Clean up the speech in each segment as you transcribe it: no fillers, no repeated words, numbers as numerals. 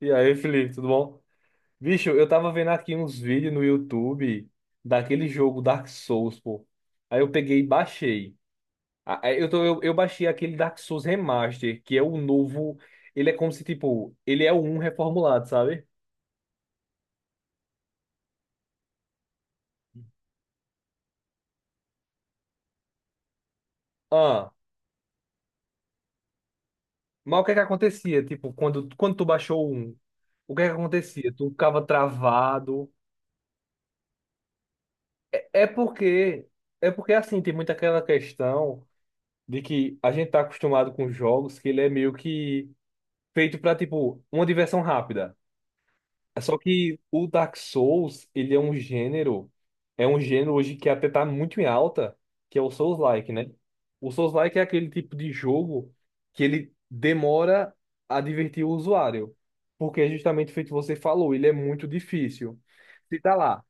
E aí, Felipe, tudo bom? Bicho, eu tava vendo aqui uns vídeos no YouTube daquele jogo Dark Souls, pô. Aí eu peguei e baixei. Ah, aí eu baixei aquele Dark Souls Remaster, que é o novo. Ele é como se, tipo, ele é o 1 reformulado, sabe? Ah, mas o que é que acontecia? Tipo, quando tu baixou o 1, o que é que acontecia? Tu ficava travado. É é porque, é porque assim, tem muito aquela questão de que a gente tá acostumado com jogos que ele é meio que. Feito pra, tipo, uma diversão rápida. É. Só que o Dark Souls, ele é um gênero hoje que até tá muito em alta, que é o Souls-like, né? O Souls-like é aquele tipo de jogo que ele demora a divertir o usuário, porque é justamente feito o que você falou, ele é muito difícil. Se tá lá,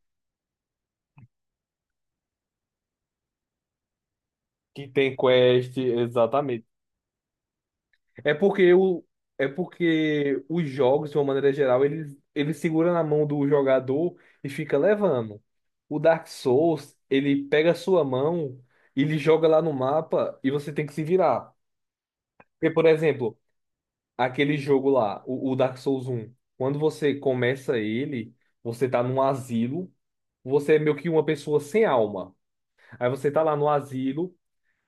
que tem quest, exatamente, É porque o, é porque os jogos, de uma maneira geral, ele segura na mão do jogador e fica levando. O Dark Souls, ele pega a sua mão, ele joga lá no mapa e você tem que se virar. Porque, por exemplo, aquele jogo lá, o Dark Souls 1, quando você começa ele, você tá num asilo, você é meio que uma pessoa sem alma. Aí você tá lá no asilo.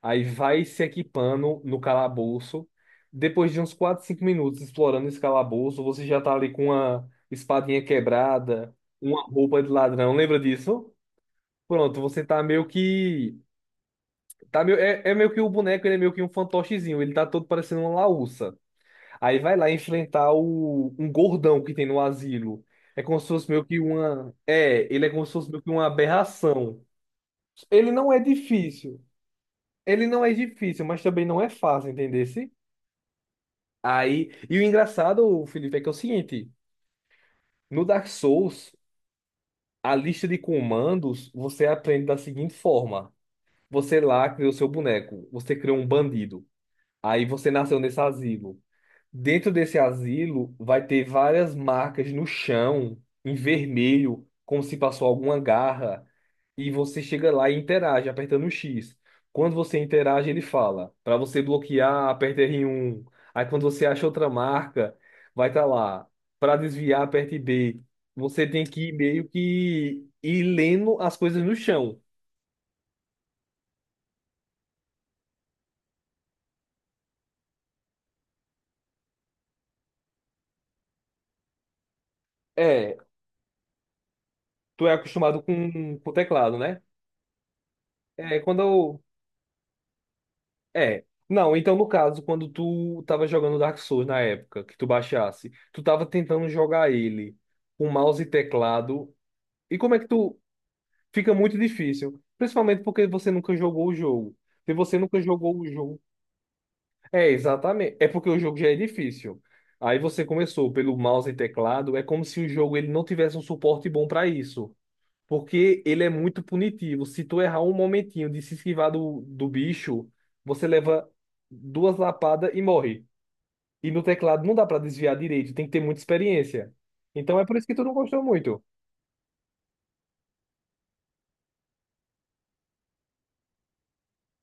Aí vai se equipando no calabouço. Depois de uns quatro, 5 minutos explorando esse calabouço, você já tá ali com uma espadinha quebrada, uma roupa de ladrão. Lembra disso? Pronto, você tá meio que. Tá meio. É meio que o boneco, ele é meio que um fantochezinho. Ele tá todo parecendo uma laúça. Aí vai lá enfrentar um gordão que tem no asilo. É como se fosse meio que uma. É, ele é como se fosse meio que uma aberração. Ele não é difícil. Ele não é difícil, mas também não é fácil, entender? Aí, e o engraçado, Felipe, é que é o seguinte, no Dark Souls, a lista de comandos você aprende da seguinte forma. Você lá cria o seu boneco, você cria um bandido. Aí você nasceu nesse asilo. Dentro desse asilo vai ter várias marcas no chão, em vermelho, como se passou alguma garra. E você chega lá e interage, apertando o X. Quando você interage, ele fala: para você bloquear, aperta R1. Aí quando você acha outra marca, vai estar lá: para desviar, aperte B. Você tem que ir meio que ir lendo as coisas no chão. É, tu é acostumado com o teclado, né? É, quando eu. É. Não, então no caso, quando tu tava jogando Dark Souls na época, que tu baixasse, tu tava tentando jogar ele com mouse e teclado. E como é que tu. Fica muito difícil. Principalmente porque você nunca jogou o jogo. Se você nunca jogou o jogo. É, exatamente. É porque o jogo já é difícil. Aí você começou pelo mouse e teclado, é como se o jogo ele não tivesse um suporte bom para isso. Porque ele é muito punitivo. Se tu errar um momentinho de se esquivar do bicho, você leva duas lapadas e morre. E no teclado não dá pra desviar direito, tem que ter muita experiência. Então é por isso que tu não gostou muito.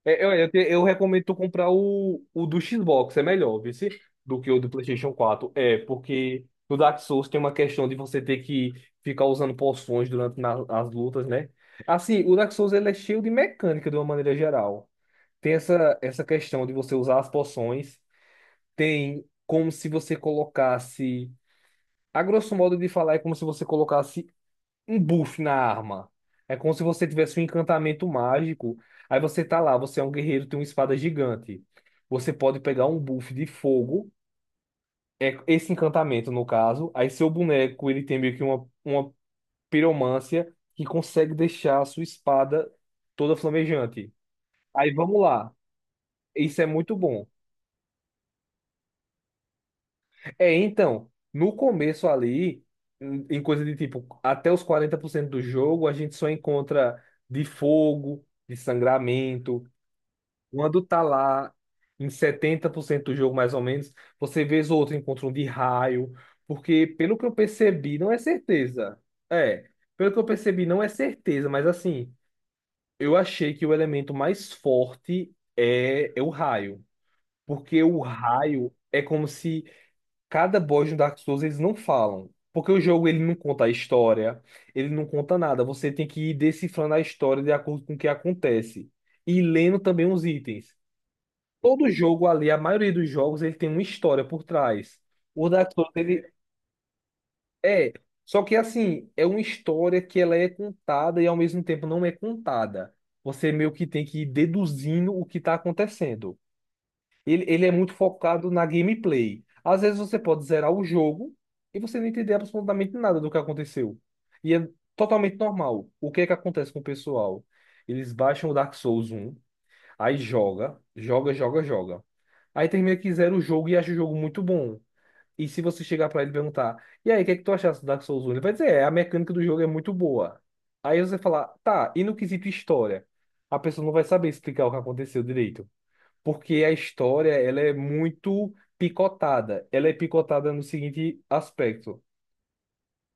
É, eu recomendo tu comprar o do Xbox, é melhor, viu? Do que o do PlayStation 4. É, porque no Dark Souls tem uma questão de você ter que ficar usando poções durante as lutas, né? Assim, o Dark Souls ele é cheio de mecânica de uma maneira geral. Tem essa questão de você usar as poções. Tem como se você colocasse. A grosso modo de falar, é como se você colocasse um buff na arma. É como se você tivesse um encantamento mágico. Aí você tá lá, você é um guerreiro, tem uma espada gigante. Você pode pegar um buff de fogo, é esse encantamento no caso. Aí seu boneco, ele tem meio que uma piromância que consegue deixar a sua espada toda flamejante. Aí vamos lá. Isso é muito bom. É, então, no começo ali, em coisa de tipo, até os 40% do jogo, a gente só encontra de fogo, de sangramento. Quando tá lá em 70% do jogo, mais ou menos, você vê o outro encontra um de raio. Porque, pelo que eu percebi, não é certeza. É, pelo que eu percebi, não é certeza, mas assim, eu achei que o elemento mais forte é o raio. Porque o raio é como se. Cada boss no Dark Souls eles não falam. Porque o jogo ele não conta a história, ele não conta nada. Você tem que ir decifrando a história de acordo com o que acontece. E lendo também os itens. Todo jogo ali, a maioria dos jogos, ele tem uma história por trás. O Dark Souls, ele é. Só que assim, é uma história que ela é contada e ao mesmo tempo não é contada. Você meio que tem que ir deduzindo o que está acontecendo. Ele é muito focado na gameplay. Às vezes você pode zerar o jogo e você não entender absolutamente nada do que aconteceu. E é totalmente normal. O que é que acontece com o pessoal? Eles baixam o Dark Souls 1, aí joga, joga, joga, joga. Aí termina que zera o jogo e acha o jogo muito bom. E se você chegar pra ele e perguntar, e aí, o que é que tu achaste do Dark Souls 1? Ele vai dizer, é, a mecânica do jogo é muito boa. Aí você falar, tá, e no quesito história? A pessoa não vai saber explicar o que aconteceu direito porque a história ela é muito picotada. Ela é picotada no seguinte aspecto: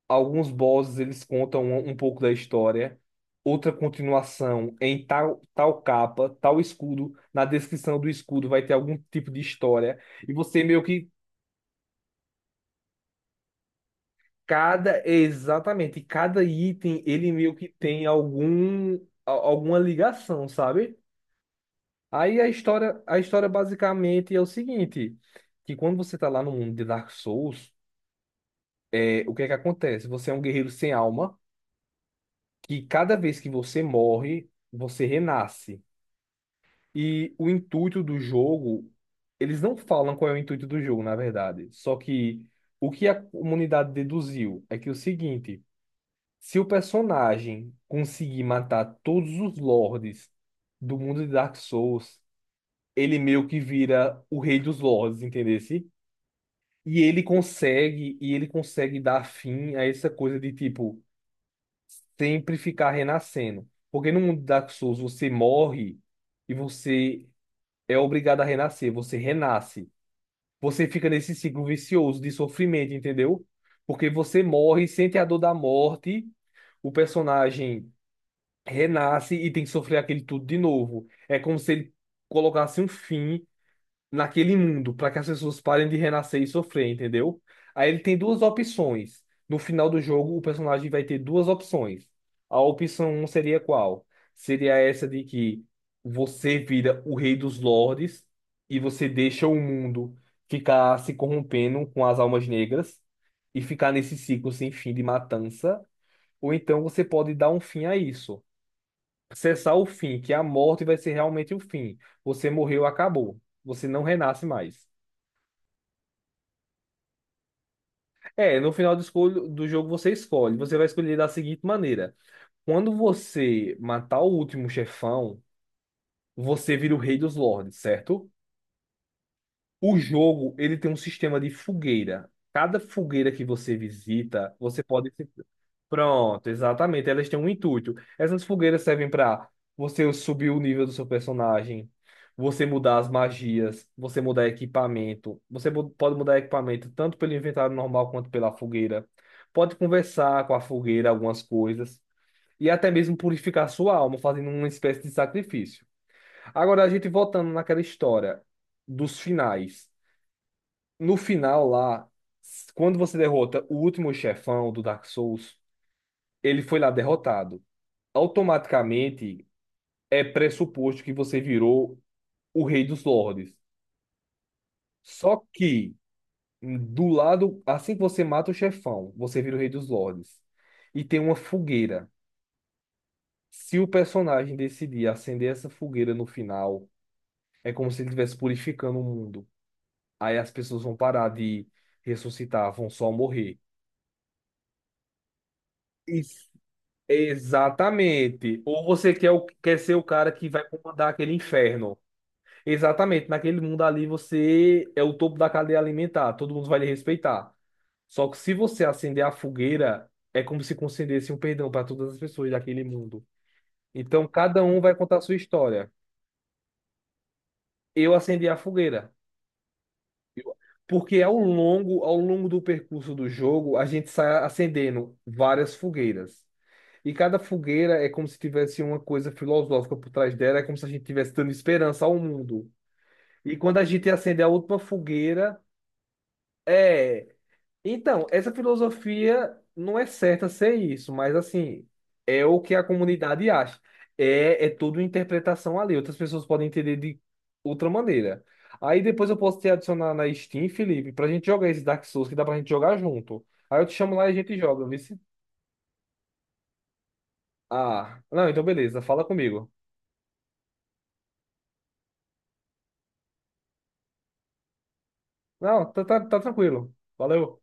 alguns bosses eles contam um pouco da história, outra continuação em tal capa, tal escudo. Na descrição do escudo vai ter algum tipo de história e você meio que cada exatamente cada item ele meio que tem algum alguma ligação, sabe? Aí a história basicamente é o seguinte que quando você tá lá no mundo de Dark Souls, é, o que é que acontece? Você é um guerreiro sem alma, que cada vez que você morre, você renasce. E o intuito do jogo, eles não falam qual é o intuito do jogo, na verdade. Só que o que a comunidade deduziu é que é o seguinte, se o personagem conseguir matar todos os lords do mundo de Dark Souls, ele meio que vira o rei dos lords, entendesse? E ele consegue dar fim a essa coisa de tipo sempre ficar renascendo. Porque no mundo Dark Souls você morre e você é obrigado a renascer, você renasce. Você fica nesse ciclo vicioso de sofrimento, entendeu? Porque você morre, sente a dor da morte, o personagem renasce e tem que sofrer aquele tudo de novo. É como se ele colocasse um fim naquele mundo para que as pessoas parem de renascer e sofrer, entendeu? Aí ele tem duas opções. No final do jogo, o personagem vai ter duas opções. A opção um seria qual? Seria essa de que você vira o rei dos lordes e você deixa o mundo ficar se corrompendo com as almas negras e ficar nesse ciclo sem fim de matança. Ou então você pode dar um fim a isso. Cessar o fim, que é a morte vai ser realmente o fim. Você morreu, acabou. Você não renasce mais. É, no final do jogo você escolhe. Você vai escolher da seguinte maneira: quando você matar o último chefão, você vira o rei dos lords, certo? O jogo, ele tem um sistema de fogueira. Cada fogueira que você visita, você pode... Pronto, exatamente. Elas têm um intuito. Essas fogueiras servem para você subir o nível do seu personagem, você mudar as magias, você mudar equipamento. Você pode mudar equipamento tanto pelo inventário normal quanto pela fogueira. Pode conversar com a fogueira algumas coisas. E até mesmo purificar sua alma, fazendo uma espécie de sacrifício. Agora, a gente voltando naquela história dos finais. No final lá, quando você derrota o último chefão do Dark Souls, ele foi lá derrotado. Automaticamente é pressuposto que você virou o Rei dos Lordes. Só que do lado, assim que você mata o chefão, você vira o Rei dos Lordes. E tem uma fogueira. Se o personagem decidir acender essa fogueira no final, é como se ele estivesse purificando o mundo. Aí as pessoas vão parar de ressuscitar, vão só morrer. E exatamente. Ou você quer, quer ser o cara que vai comandar aquele inferno. Exatamente. Naquele mundo ali você é o topo da cadeia alimentar. Todo mundo vai lhe respeitar. Só que se você acender a fogueira, é como se concedesse um perdão para todas as pessoas daquele mundo. Então cada um vai contar a sua história. Eu acendi a fogueira. Porque ao longo do percurso do jogo, a gente sai acendendo várias fogueiras. E cada fogueira é como se tivesse uma coisa filosófica por trás dela, é como se a gente estivesse dando esperança ao mundo. E quando a gente acende a última fogueira, é. Então, essa filosofia não é certa ser isso, mas assim, é o que a comunidade acha. É tudo interpretação ali. Outras pessoas podem entender de outra maneira. Aí depois eu posso te adicionar na Steam, Felipe, pra gente jogar esse Dark Souls que dá pra gente jogar junto. Aí eu te chamo lá e a gente joga, viu? Ah, não, então beleza, fala comigo. Não, tá, tá, tá tranquilo. Valeu.